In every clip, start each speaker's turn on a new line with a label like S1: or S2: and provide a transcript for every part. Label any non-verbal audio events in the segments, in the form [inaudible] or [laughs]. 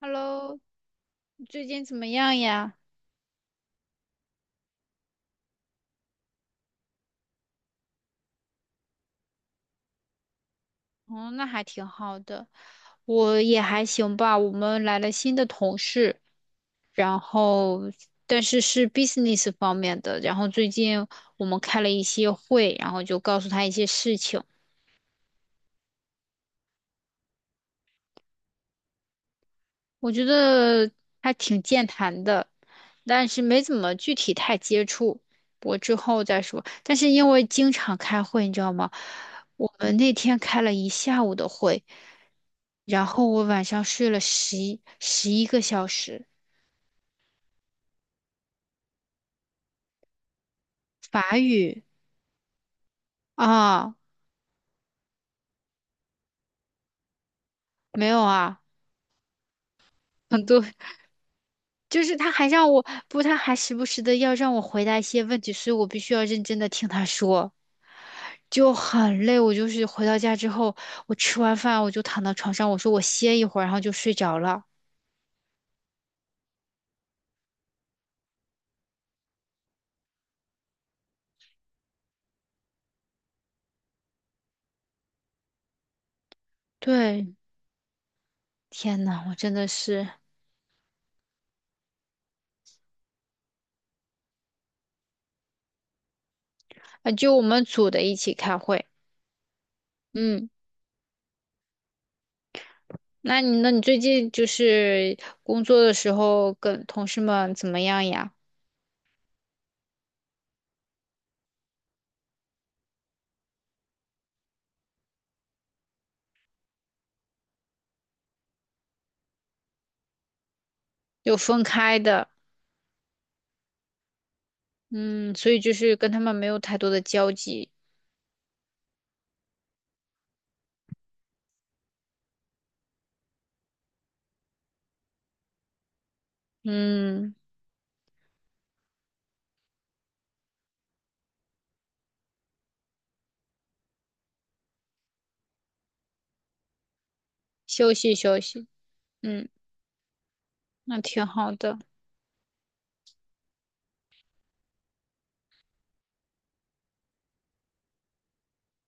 S1: Hello，你最近怎么样呀？哦，那还挺好的，我也还行吧。我们来了新的同事，然后但是是 business 方面的，然后最近我们开了一些会，然后就告诉他一些事情。我觉得还挺健谈的，但是没怎么具体太接触。我之后再说。但是因为经常开会，你知道吗？我们那天开了一下午的会，然后我晚上睡了十一个小时。法语啊，没有啊，很多就是他还时不时的要让我回答一些问题，所以我必须要认真的听他说。就很累。我就是回到家之后，我吃完饭我就躺到床上，我说我歇一会儿，然后就睡着了。对，天呐，我真的是啊，就我们组的一起开会。嗯，那你最近就是工作的时候跟同事们怎么样呀？有分开的，嗯，所以就是跟他们没有太多的交集。嗯，休息休息，嗯，那挺好的。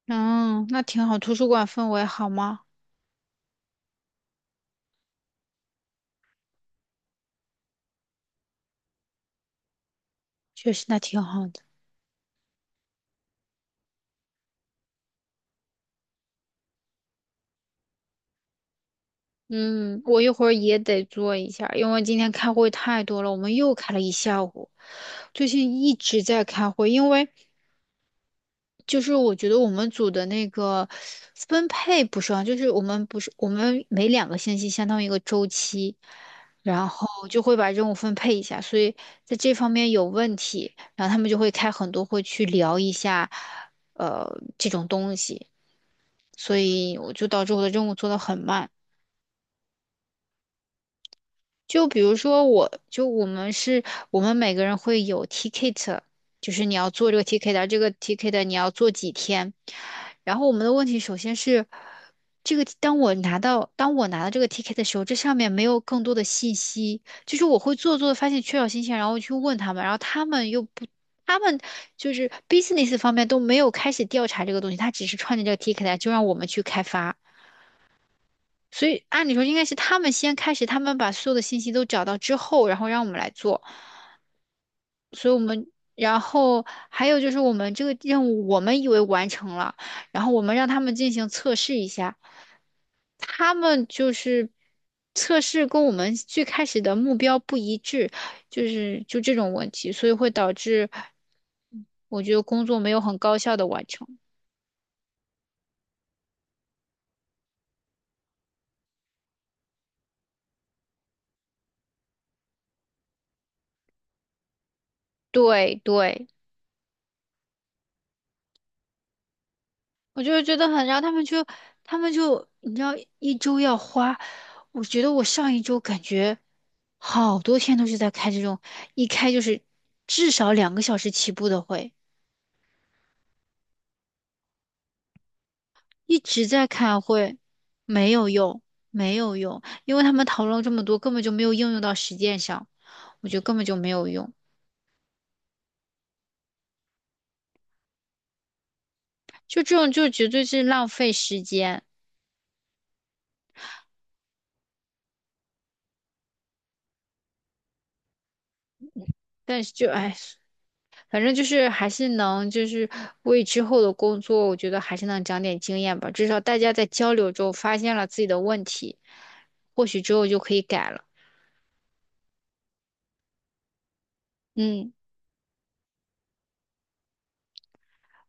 S1: 嗯，那挺好。图书馆氛围好吗？确实，那挺好的。嗯，我一会儿也得做一下，因为今天开会太多了，我们又开了一下午，最近一直在开会，因为就是我觉得我们组的那个分配不是啊，就是我们不是我们每2个星期相当于一个周期，然后就会把任务分配一下，所以在这方面有问题，然后他们就会开很多会去聊一下，这种东西，所以我就导致我的任务做得很慢。就比如说我，就我们是，我们每个人会有 ticket，就是你要做这个 ticket，这个 ticket 你要做几天。然后我们的问题首先是，这个当我拿到这个 ticket 的时候，这上面没有更多的信息，就是我会做做的发现缺少信息，然后去问他们，然后他们又不，他们就是 business 方面都没有开始调查这个东西，他只是创建这个 ticket 就让我们去开发。所以按理说应该是他们先开始，他们把所有的信息都找到之后，然后让我们来做。所以我们，然后还有就是我们这个任务，我们以为完成了，然后我们让他们进行测试一下，他们就是测试跟我们最开始的目标不一致，就是就这种问题，所以会导致我觉得工作没有很高效的完成。对对。我就是觉得很，然后他们就，你知道，一周要花，我觉得我上一周感觉好多天都是在开这种，一开就是至少2个小时起步的会，一直在开会，没有用，没有用，因为他们讨论了这么多，根本就没有应用到实践上，我觉得根本就没有用，就这种就绝对是浪费时间，但是就哎。反正就是还是能，就是为之后的工作，我觉得还是能长点经验吧。至少大家在交流中发现了自己的问题，或许之后就可以改了。嗯，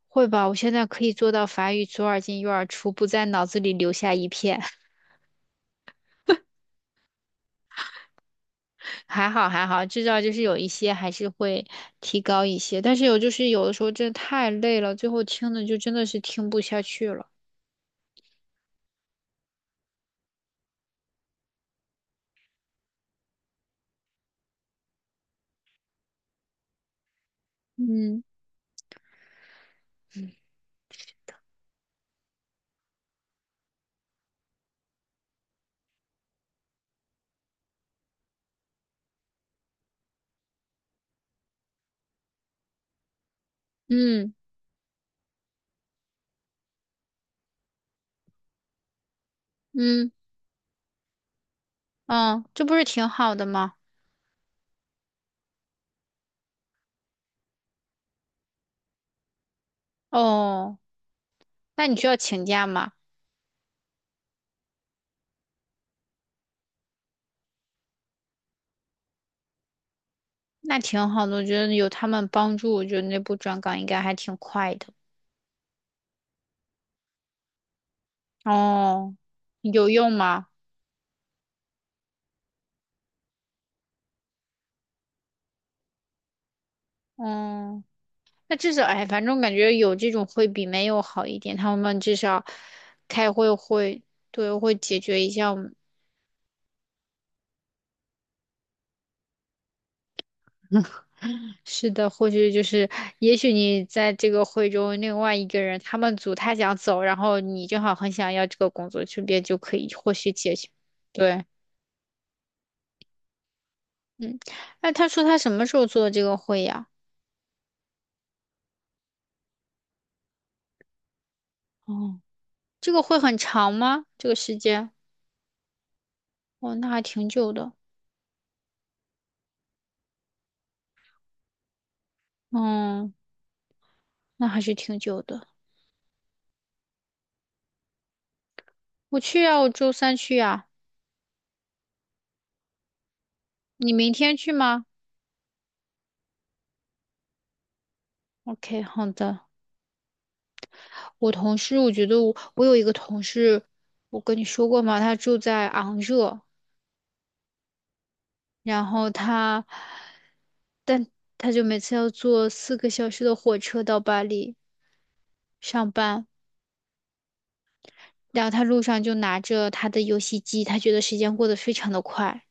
S1: 会吧，我现在可以做到法语左耳进右耳出，不在脑子里留下一片。[laughs] 还好还好，至少就是有一些还是会提高一些，但是有就是有的时候真的太累了，最后听的就真的是听不下去了。嗯嗯嗯嗯，这不是挺好的吗？哦。那你需要请假吗？那挺好的，我觉得有他们帮助，我觉得那部转岗应该还挺快的。哦，有用吗？嗯，那至少哎，反正我感觉有这种会比没有好一点。他们至少开会会对会解决一下我们是的，或许就是也许你在这个会中，另外一个人他们组他想走，然后你正好很想要这个工作，顺便就可以或许解决。对，嗯，那他说他什么时候做这个会呀？哦，这个会很长吗？这个时间？哦，那还挺久的。嗯，那还是挺久的。我去啊，我周三去啊。你明天去吗？OK，好的。我同事，我觉得我有一个同事，我跟你说过吗？他住在昂热，然后他就每次要坐4个小时的火车到巴黎上班，然后他路上就拿着他的游戏机，他觉得时间过得非常的快，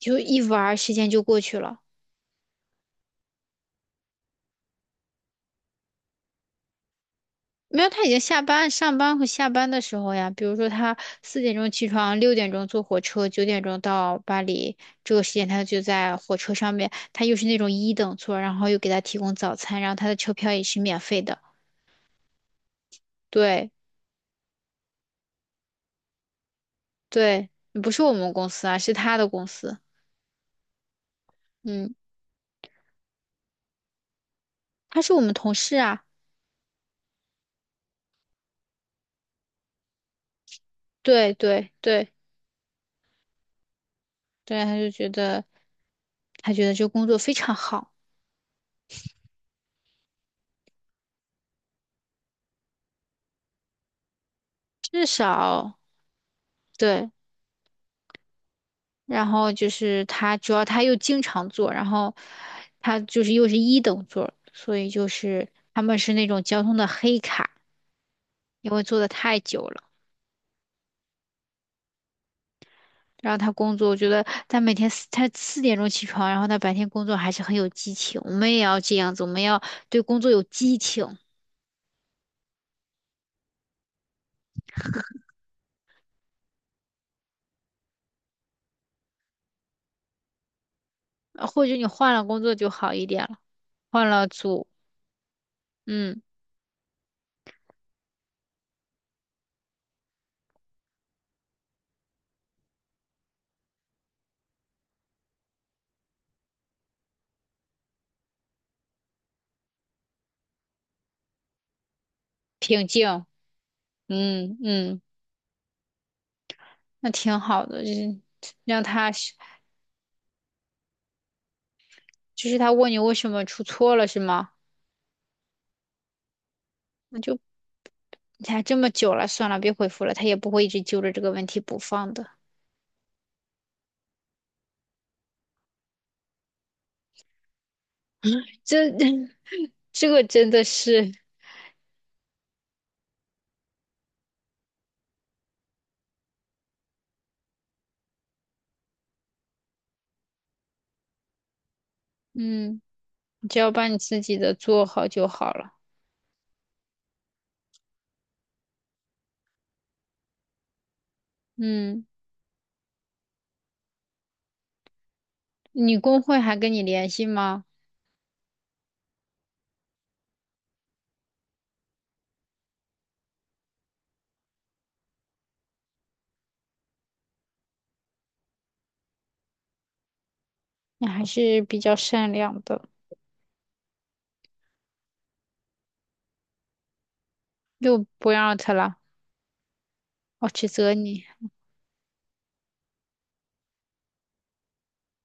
S1: 就一玩儿时间就过去了。没有，他已经下班，上班和下班的时候呀，比如说他四点钟起床，6点钟坐火车，9点钟到巴黎，这个时间他就在火车上面，他又是那种一等座，然后又给他提供早餐，然后他的车票也是免费的。对对，不是我们公司啊，是他的公司。嗯，他是我们同事啊。对对对对，他就觉得他觉得这工作非常好，至少对。然后就是他，主要他又经常坐，然后他就是又是一等座，所以就是他们是那种交通的黑卡，因为坐的太久了。然后他工作，我觉得他每天四点钟起床，然后他白天工作还是很有激情。我们也要这样子，我们要对工作有激情，或者你换了工作就好一点了，换了组，嗯，平静，嗯嗯，那挺好的，就是让他，就是他问你为什么出错了是吗？那就。你看这么久了，算了，别回复了，他也不会一直揪着这个问题不放的。这 [laughs] 这个真的是，嗯，你只要把你自己的做好就好了。嗯，你工会还跟你联系吗？你还是比较善良的，又不让他了，我指责你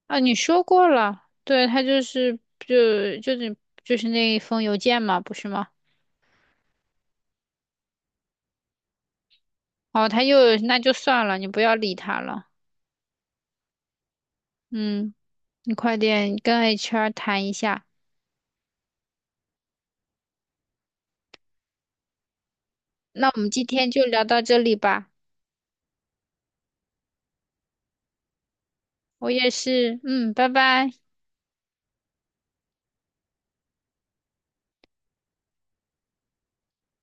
S1: 啊！你说过了，对他就是那一封邮件嘛，不是吗？哦，他又那就算了，你不要理他了。嗯，你快点跟 HR 谈一下。那我们今天就聊到这里吧。我也是，嗯，拜拜。